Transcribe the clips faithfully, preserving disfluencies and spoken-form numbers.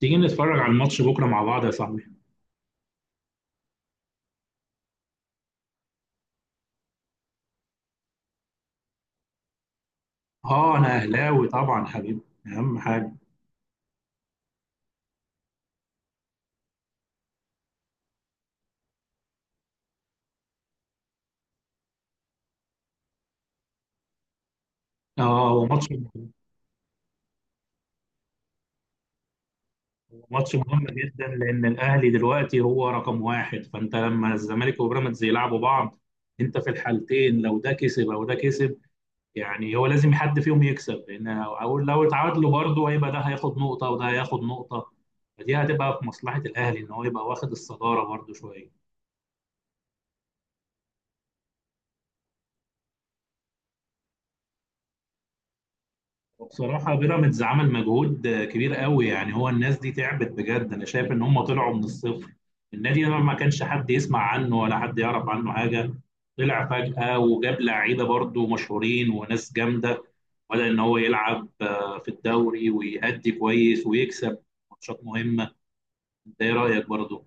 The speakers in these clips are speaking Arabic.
تيجي نتفرج على الماتش بكره مع بعض يا صاحبي. اه، انا اهلاوي طبعا حبيبي. اهم حاجه اه هو ماتش. هو ماتش مهم جدا لان الاهلي دلوقتي هو رقم واحد، فانت لما الزمالك وبيراميدز يلعبوا بعض، انت في الحالتين لو ده كسب او ده كسب. يعني هو لازم حد فيهم يكسب، لان لو لو اتعادلوا برضه هيبقى ده هياخد نقطه وده هياخد نقطه، فدي هتبقى في مصلحه الاهلي ان هو يبقى واخد الصداره برضه شويه. بصراحة بيراميدز عمل مجهود كبير قوي، يعني هو الناس دي تعبت بجد. أنا شايف إن هم طلعوا من الصفر، النادي ده ما كانش حد يسمع عنه ولا حد يعرف عنه حاجة. طلع فجأة وجاب لعيبة برضو مشهورين وناس جامدة، بدأ إن هو يلعب آه، في الدوري ويأدي كويس ويكسب ماتشات مهمة. أنت إيه رأيك برضو؟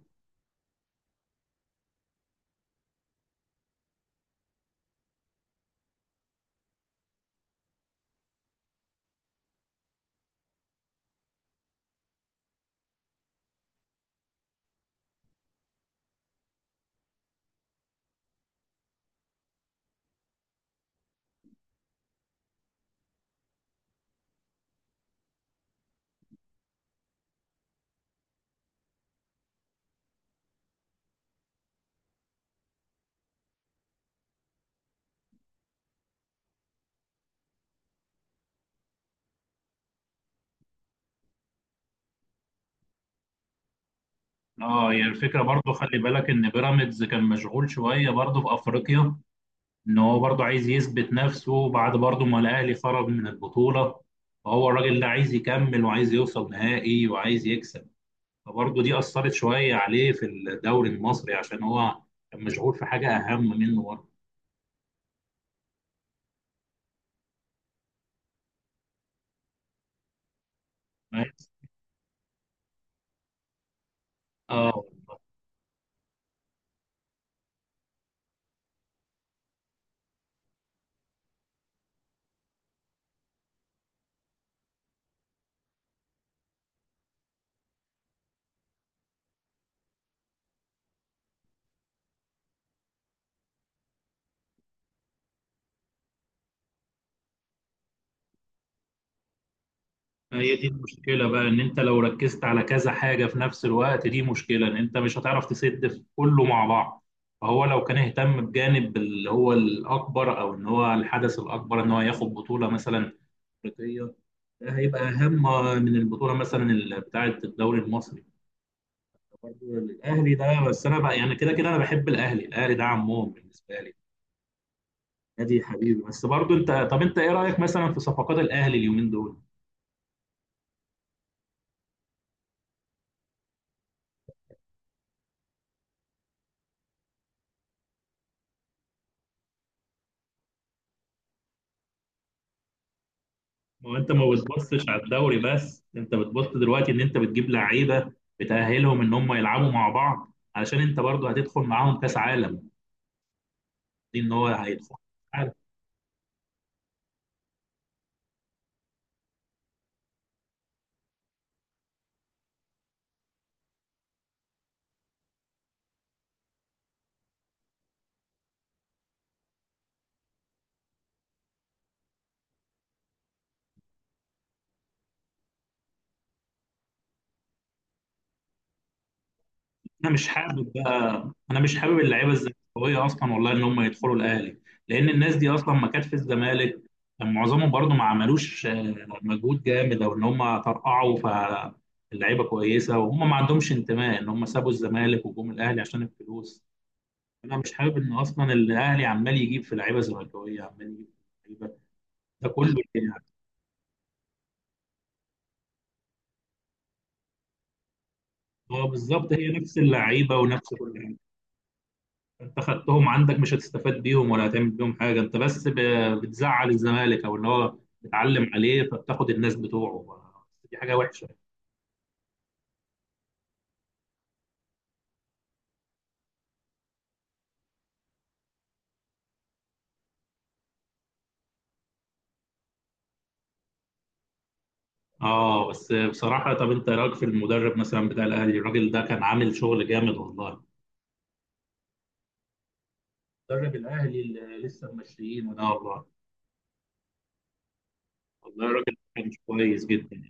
اه، هي الفكرة برضو، خلي بالك إن بيراميدز كان مشغول شوية برضو في أفريقيا، ان هو برضه عايز يثبت نفسه بعد برضه ما الاهلي خرج من البطوله، فهو الراجل ده عايز يكمل وعايز يوصل نهائي وعايز يكسب، فبرضه دي اثرت شويه عليه في الدوري المصري عشان هو كان مشغول في حاجه اهم منه برضه. بس اه، هي دي المشكله بقى، ان انت لو ركزت على كذا حاجه في نفس الوقت دي مشكله، ان انت مش هتعرف تسد في كله مع بعض. فهو لو كان اهتم بجانب اللي هو الاكبر، او ان هو الحدث الاكبر ان هو ياخد بطوله مثلا الأفريقية، ده هيبقى أهم من البطولة مثلا ال- بتاعة الدوري المصري برضه. الأهلي ده بس أنا بقى يعني كده كده أنا بحب الأهلي، الأهلي ده عمهم بالنسبة لي، نادي حبيبي. بس برضه أنت طب أنت إيه رأيك مثلا في صفقات الأهلي اليومين دول؟ ما هو أنت ما بتبصش على الدوري بس، أنت بتبص دلوقتي إن أنت بتجيب لعيبة بتأهلهم إن هم يلعبوا مع بعض علشان أنت برضه هتدخل معاهم كأس عالم دي، إن هو هيدخل. انا مش حابب بقى انا مش حابب اللعيبه الزملكاويه اصلا والله ان هم يدخلوا الاهلي، لان الناس دي اصلا ما كانت في الزمالك. كان معظمهم برضو ما عملوش آه، مجهود جامد او ان هم ترقعوا، فاللعيبه كويسه وهم ما عندهمش انتماء، ان هم سابوا الزمالك وجم الاهلي عشان الفلوس. انا مش حابب ان اصلا الاهلي عمال يجيب في لعيبه زملكاويه، عمال يجيب في لعيبه ده كله يعني. اه بالظبط، هي نفس اللعيبه ونفس كل. انت خدتهم عندك مش هتستفاد بيهم ولا هتعمل بيهم حاجه، انت بس ب- بتزعل الزمالك او ان هو بتعلم عليه فبتاخد الناس بتوعه. دي حاجه وحشه. اه بس بصراحه، طب انت إيه رايك في المدرب مثلا بتاع الاهلي؟ الراجل ده كان عامل شغل جامد والله. مدرب الاهلي اللي لسه ماشيين ده، والله والله الراجل ده كان كويس جدا.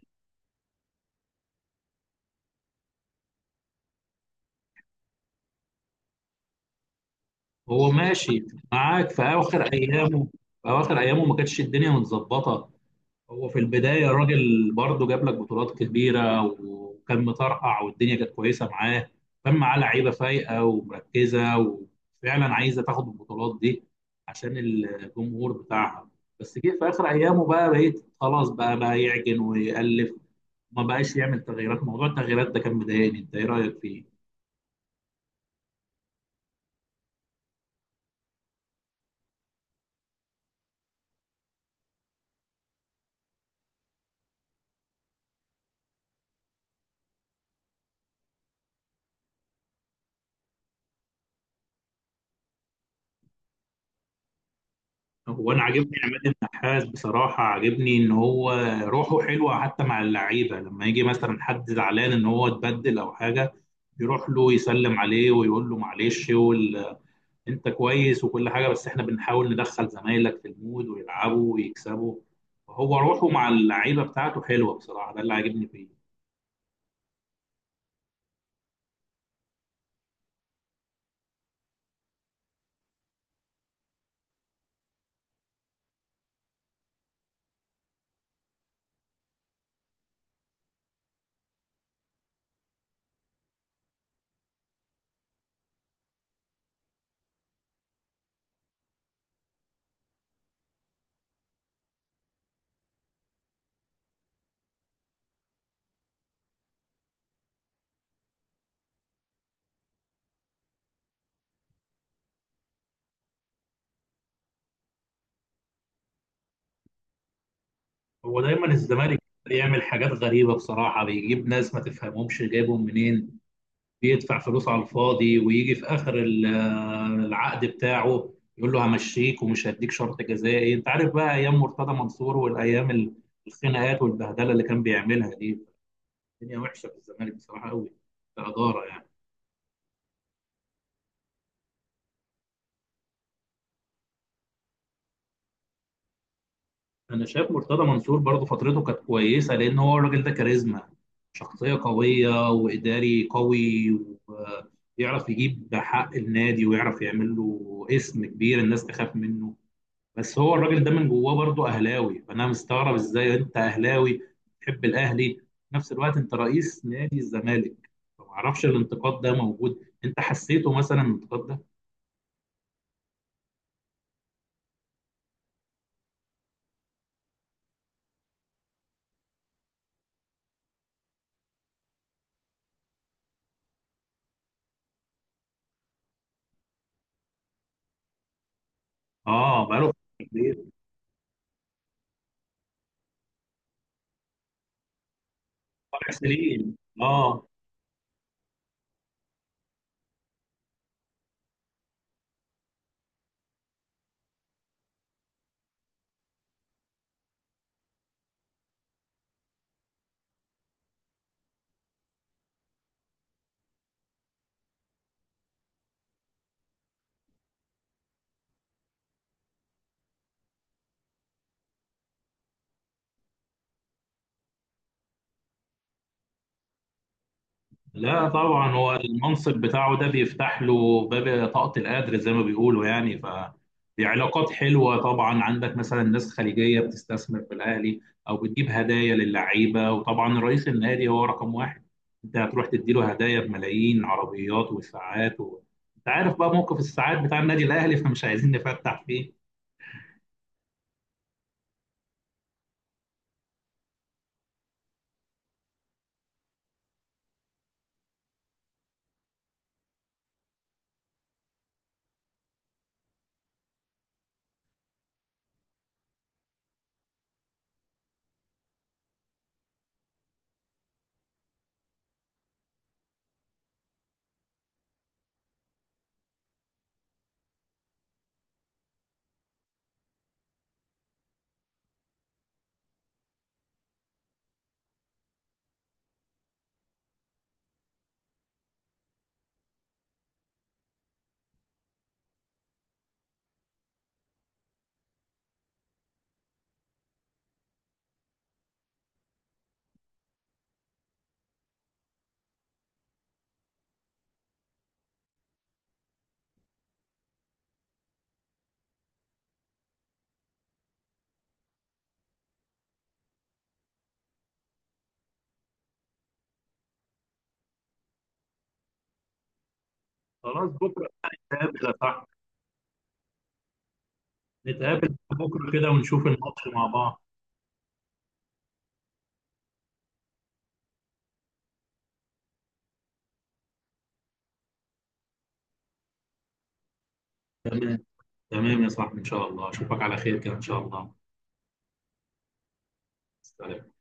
هو ماشي معاك في اخر ايامه، في اخر ايامه ما كانتش الدنيا متظبطه. هو في البداية الراجل برضه جاب لك بطولات كبيرة وكان مطرقع والدنيا كانت كويسة معاه، كان معاه لعيبة فايقة ومركزة وفعلا عايزة تاخد البطولات دي عشان الجمهور بتاعها. بس جه في آخر أيامه بقى، بقيت خلاص بقى، بقى يعجن ويألف، ما بقاش يعمل تغييرات. موضوع التغييرات ده كان مضايقني. انت ايه رأيك فيه؟ هو انا عاجبني عماد النحاس بصراحه، عاجبني ان هو روحه حلوه حتى مع اللعيبه، لما يجي مثلا حد زعلان ان هو اتبدل او حاجه يروح له يسلم عليه ويقول له معلش وال... انت كويس وكل حاجه، بس احنا بنحاول ندخل زمايلك في المود ويلعبوا ويكسبوا. هو روحه مع اللعيبه بتاعته حلوه بصراحه، ده اللي عاجبني فيه. هو دايما الزمالك بيعمل حاجات غريبه بصراحه، بيجيب ناس ما تفهمهمش جايبهم منين، بيدفع فلوس على الفاضي، ويجي في اخر ال- العقد بتاعه يقول له همشيك ومش هديك شرط جزائي. انت عارف بقى ايام مرتضى منصور والايام ال- الخناقات والبهدله اللي كان بيعملها دي، الدنيا وحشه في الزمالك بصراحه قوي كاداره يعني. انا شايف مرتضى منصور برضه فترته كانت كويسه، لان هو الراجل ده كاريزما، شخصيه قويه واداري قوي، ويعرف يجيب حق النادي ويعرف يعمل له اسم كبير، الناس تخاف منه. بس هو الراجل ده من جواه برضه اهلاوي، فانا مستغرب ازاي انت اهلاوي بتحب الاهلي في نفس الوقت انت رئيس نادي الزمالك. فمعرفش الانتقاد ده موجود، انت حسيته مثلا الانتقاد ده؟ اه بقاله فترة كبيرة. طارق سليم اه. لا طبعا هو المنصب بتاعه ده بيفتح له باب طاقة القدر زي ما بيقولوا، يعني ف دي علاقات حلوة طبعا، عندك مثلا ناس خليجية بتستثمر في الأهلي أو بتجيب هدايا للعيبة، وطبعا رئيس النادي هو رقم واحد، أنت هتروح تديله هدايا بملايين، عربيات وساعات و... أنت عارف بقى موقف الساعات بتاع النادي الأهلي، فمش عايزين نفتح فيه. خلاص بكرة نتقابل يا صاحبي، نتقابل بكرة كده ونشوف الماتش مع بعض. تمام تمام يا صاحبي، إن شاء الله أشوفك على خير كده إن شاء الله. سلام.